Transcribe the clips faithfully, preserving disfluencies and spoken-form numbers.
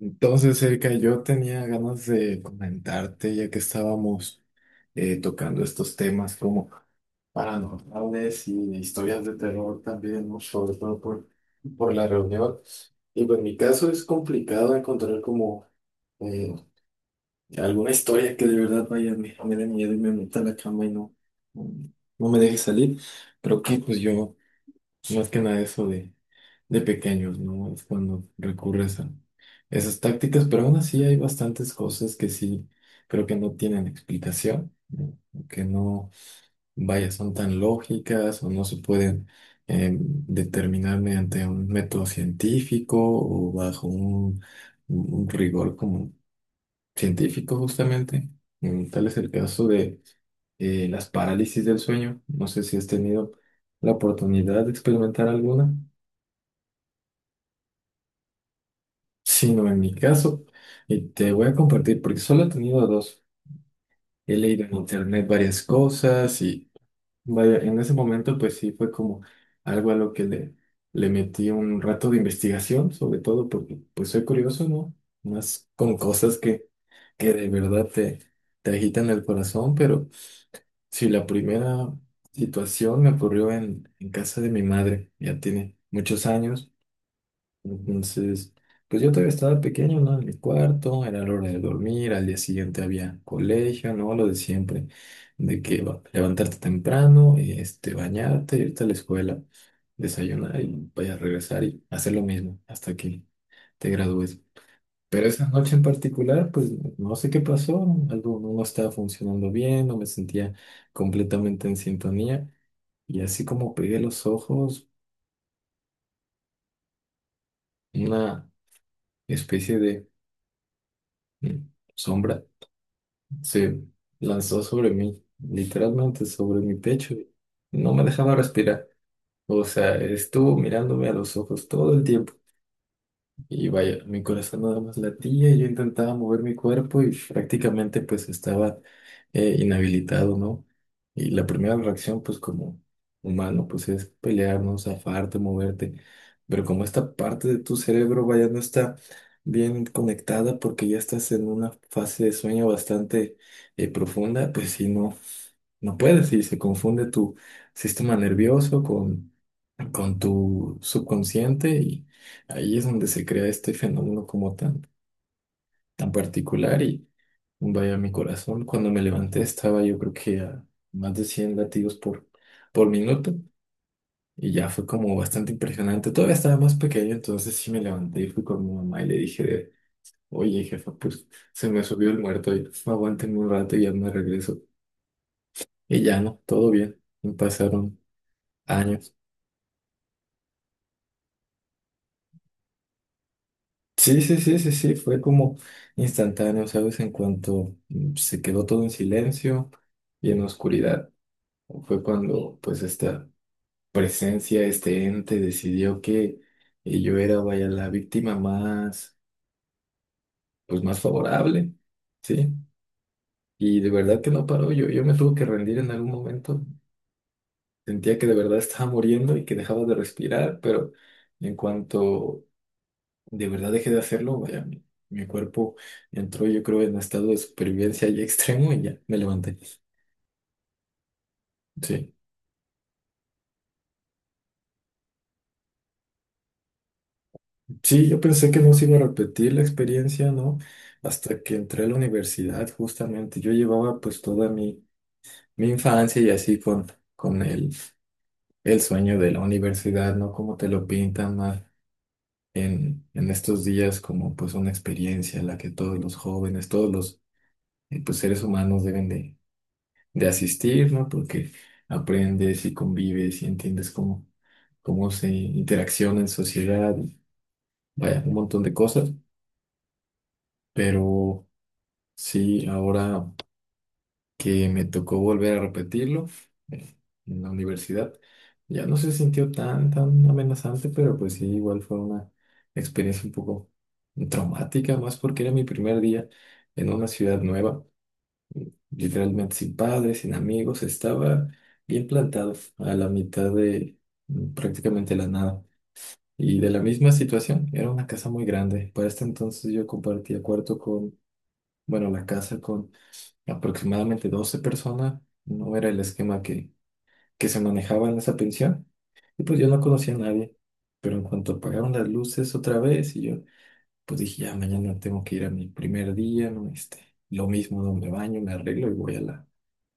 Entonces, Erika, yo tenía ganas de comentarte, ya que estábamos eh, tocando estos temas como paranormales y historias de terror también, ¿no? Sobre todo por, por la reunión. Y pues en mi caso es complicado encontrar como eh, alguna historia que de verdad vaya, me, me dé miedo y me meta a la cama y no, no no me deje salir. Creo que pues yo más que nada eso de, de pequeños, ¿no? Es cuando recurres a esas tácticas, pero aún así hay bastantes cosas que sí creo que no tienen explicación, ¿no? Que no, vaya, son tan lógicas o no se pueden eh, determinar mediante un método científico o bajo un, un rigor como científico justamente. Mm, Tal es el caso de eh, las parálisis del sueño. No sé si has tenido la oportunidad de experimentar alguna. Sino en mi caso, y te voy a compartir, porque solo he tenido dos. He leído en internet varias cosas y vaya, en ese momento pues sí fue como algo a lo que le, le metí un rato de investigación, sobre todo porque pues soy curioso, ¿no? Más con cosas que, que de verdad te, te agitan el corazón, pero sí, la primera situación me ocurrió en, en casa de mi madre, ya tiene muchos años. Entonces, pues yo todavía estaba pequeño, ¿no? En mi cuarto, era la hora de dormir, al día siguiente había colegio, ¿no? Lo de siempre, de que va- levantarte temprano, este, bañarte, irte a la escuela, desayunar y vaya a regresar y hacer lo mismo hasta que te gradúes. Pero esa noche en particular, pues no sé qué pasó, algo no estaba funcionando bien, no me sentía completamente en sintonía y así como pegué los ojos, una especie de mm, sombra sí, lanzó sobre mí, literalmente sobre mi pecho. No me dejaba respirar. O sea, estuvo mirándome a los ojos todo el tiempo. Y vaya, mi corazón nada más latía, yo intentaba mover mi cuerpo y prácticamente pues estaba eh, inhabilitado, ¿no? Y la primera reacción pues como humano pues es pelearnos, zafarte, moverte, pero como esta parte de tu cerebro vaya no está bien conectada porque ya estás en una fase de sueño bastante eh, profunda, pues si no, no puedes y se confunde tu sistema nervioso con tu subconsciente y ahí es donde se crea este fenómeno como tan, tan particular y vaya mi corazón, cuando me levanté estaba yo creo que a más de cien latidos por, por minuto y ya fue como bastante impresionante, todavía estaba más pequeño, entonces sí me levanté y fui con mi mamá y le dije de, oye jefa, pues se me subió el muerto, y, aguántenme un rato y ya me regreso y ya no, todo bien, pasaron años. Sí, sí, sí, sí, sí, fue como instantáneo, ¿sabes? En cuanto mm, se quedó todo en silencio y en oscuridad, fue cuando pues esta presencia, este ente decidió que eh, yo era, vaya, la víctima más, pues más favorable, ¿sí? Y de verdad que no paró, yo, yo me tuve que rendir en algún momento, sentía que de verdad estaba muriendo y que dejaba de respirar, pero en cuanto de verdad dejé de hacerlo, vaya, mi, mi cuerpo entró yo creo en un estado de supervivencia y extremo y ya me levanté. Sí, sí, yo pensé que no se iba a repetir la experiencia, ¿no? Hasta que entré a la universidad, justamente. Yo llevaba pues toda mi, mi infancia y así con, con el, el sueño de la universidad, ¿no? Como te lo pintan más en, en estos días como pues una experiencia en la que todos los jóvenes, todos los eh, pues, seres humanos deben de de asistir, ¿no? Porque aprendes y convives y entiendes cómo, cómo se interacciona en sociedad, vaya, un montón de cosas, pero sí, ahora que me tocó volver a repetirlo eh, en la universidad, ya no se sintió tan, tan amenazante, pero pues sí, igual fue una experiencia un poco traumática, más porque era mi primer día en una ciudad nueva. Literalmente sin padres, sin amigos, estaba bien plantado a la mitad de mm, prácticamente la nada. Y de la misma situación, era una casa muy grande. Para este entonces yo compartía cuarto con, bueno, la casa con aproximadamente doce personas. No era el esquema que, que se manejaba en esa pensión. Y pues yo no conocía a nadie. Pero en cuanto apagaron las luces otra vez, y yo pues dije, ya mañana tengo que ir a mi primer día, ¿no? Este, lo mismo, ¿no? Me baño, me arreglo y voy a la,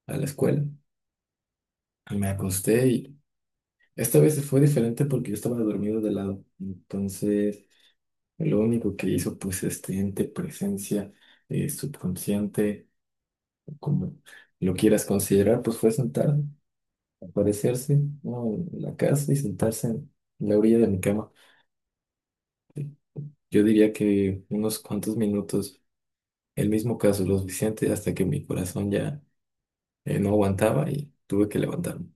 a la escuela. Me acosté y esta vez fue diferente porque yo estaba dormido de lado. Entonces, lo único que hizo, pues, este ente, presencia, eh, subconsciente, como lo quieras considerar, pues fue sentar, aparecerse, ¿no? En la casa y sentarse en la orilla de mi cama. Yo diría que unos cuantos minutos, el mismo caso, lo suficiente hasta que mi corazón ya eh, no aguantaba y tuve que levantarme.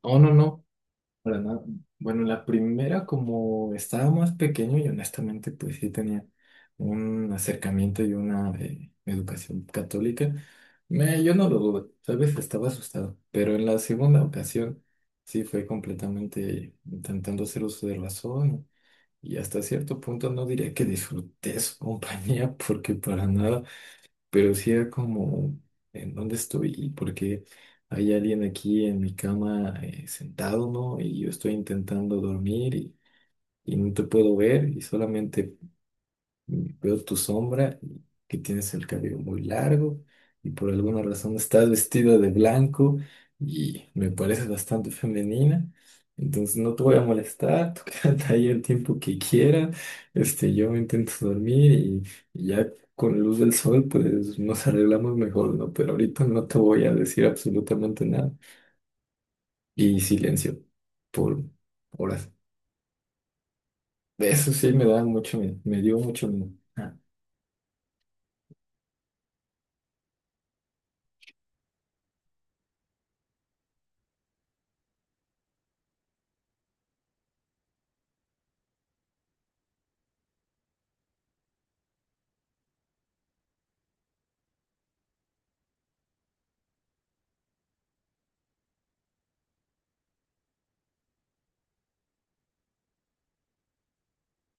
Oh, no, no. Para nada. Bueno, la primera, como estaba más pequeño y honestamente, pues sí tenía un acercamiento y una eh, educación católica, me, yo no lo dudo, ¿sabes? Estaba asustado. Pero en la segunda ocasión, sí fue completamente intentando hacer uso de razón y hasta cierto punto no diría que disfruté su compañía porque para nada, pero sí era como, ¿en dónde estoy? ¿Y por qué hay alguien aquí en mi cama eh, sentado, ¿no? Y yo estoy intentando dormir y, y no te puedo ver y solamente y veo tu sombra, que tienes el cabello muy largo y por alguna razón estás vestida de blanco y me pareces bastante femenina. Entonces no te voy a molestar, tú quédate ahí el tiempo que quieras. Este, yo me intento dormir y, y ya con la luz del sol pues nos arreglamos mejor, ¿no? Pero ahorita no te voy a decir absolutamente nada. Y silencio por horas. Eso sí me da mucho miedo, me dio mucho miedo. Ah,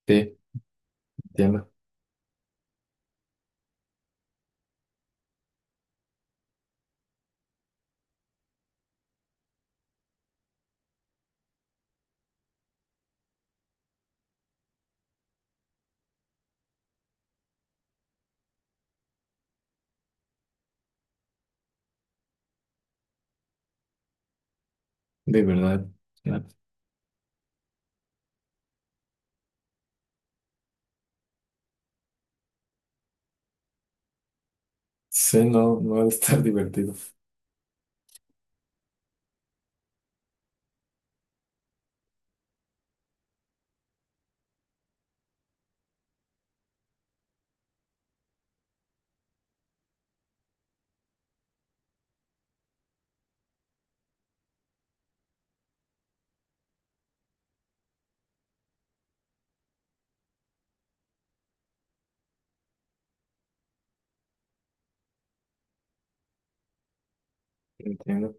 sí, ya me... De verdad, ya sé, no, no ha de estar divertido. Entiendo.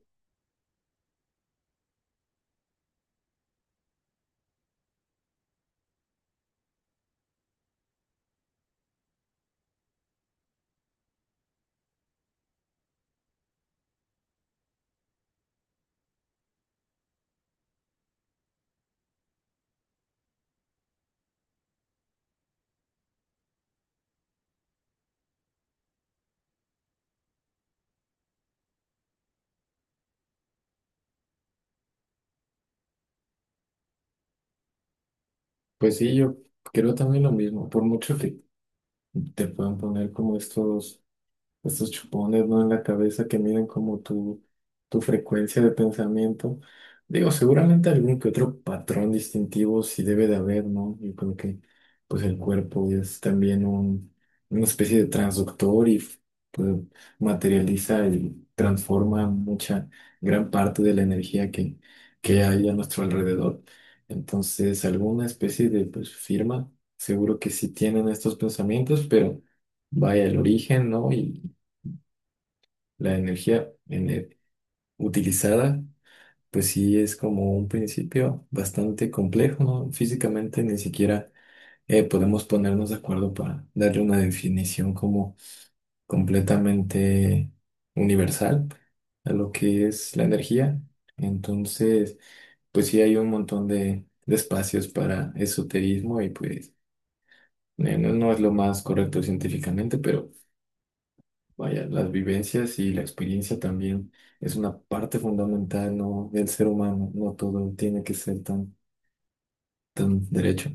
Pues sí, yo creo también lo mismo. Por mucho que te puedan poner como estos, estos chupones, ¿no? En la cabeza que miden como tu, tu frecuencia de pensamiento. Digo, seguramente algún que otro patrón distintivo sí debe de haber, ¿no? Yo creo que pues el cuerpo es también un, una especie de transductor y pues, materializa y transforma mucha, gran parte de la energía que, que hay a nuestro alrededor. Entonces, alguna especie de pues, firma, seguro que sí tienen estos pensamientos, pero vaya el origen, ¿no? La energía ene- utilizada, pues sí es como un principio bastante complejo, ¿no? Físicamente ni siquiera eh, podemos ponernos de acuerdo para darle una definición como completamente universal a lo que es la energía. Entonces, pues sí hay un montón de, de espacios para esoterismo y pues eh, no, no es lo más correcto científicamente, pero vaya, las vivencias y la experiencia también es una parte fundamental, ¿no? Del ser humano. No todo tiene que ser tan, tan derecho.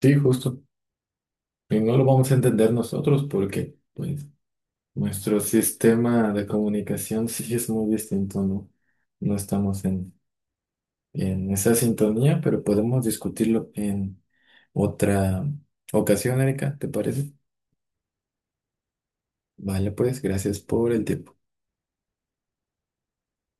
Sí, justo. Y no lo vamos a entender nosotros porque, pues, nuestro sistema de comunicación sí es muy distinto, ¿no? No estamos en, en esa sintonía, pero podemos discutirlo en otra ocasión, Erika, ¿te parece? Vale, pues, gracias por el tiempo.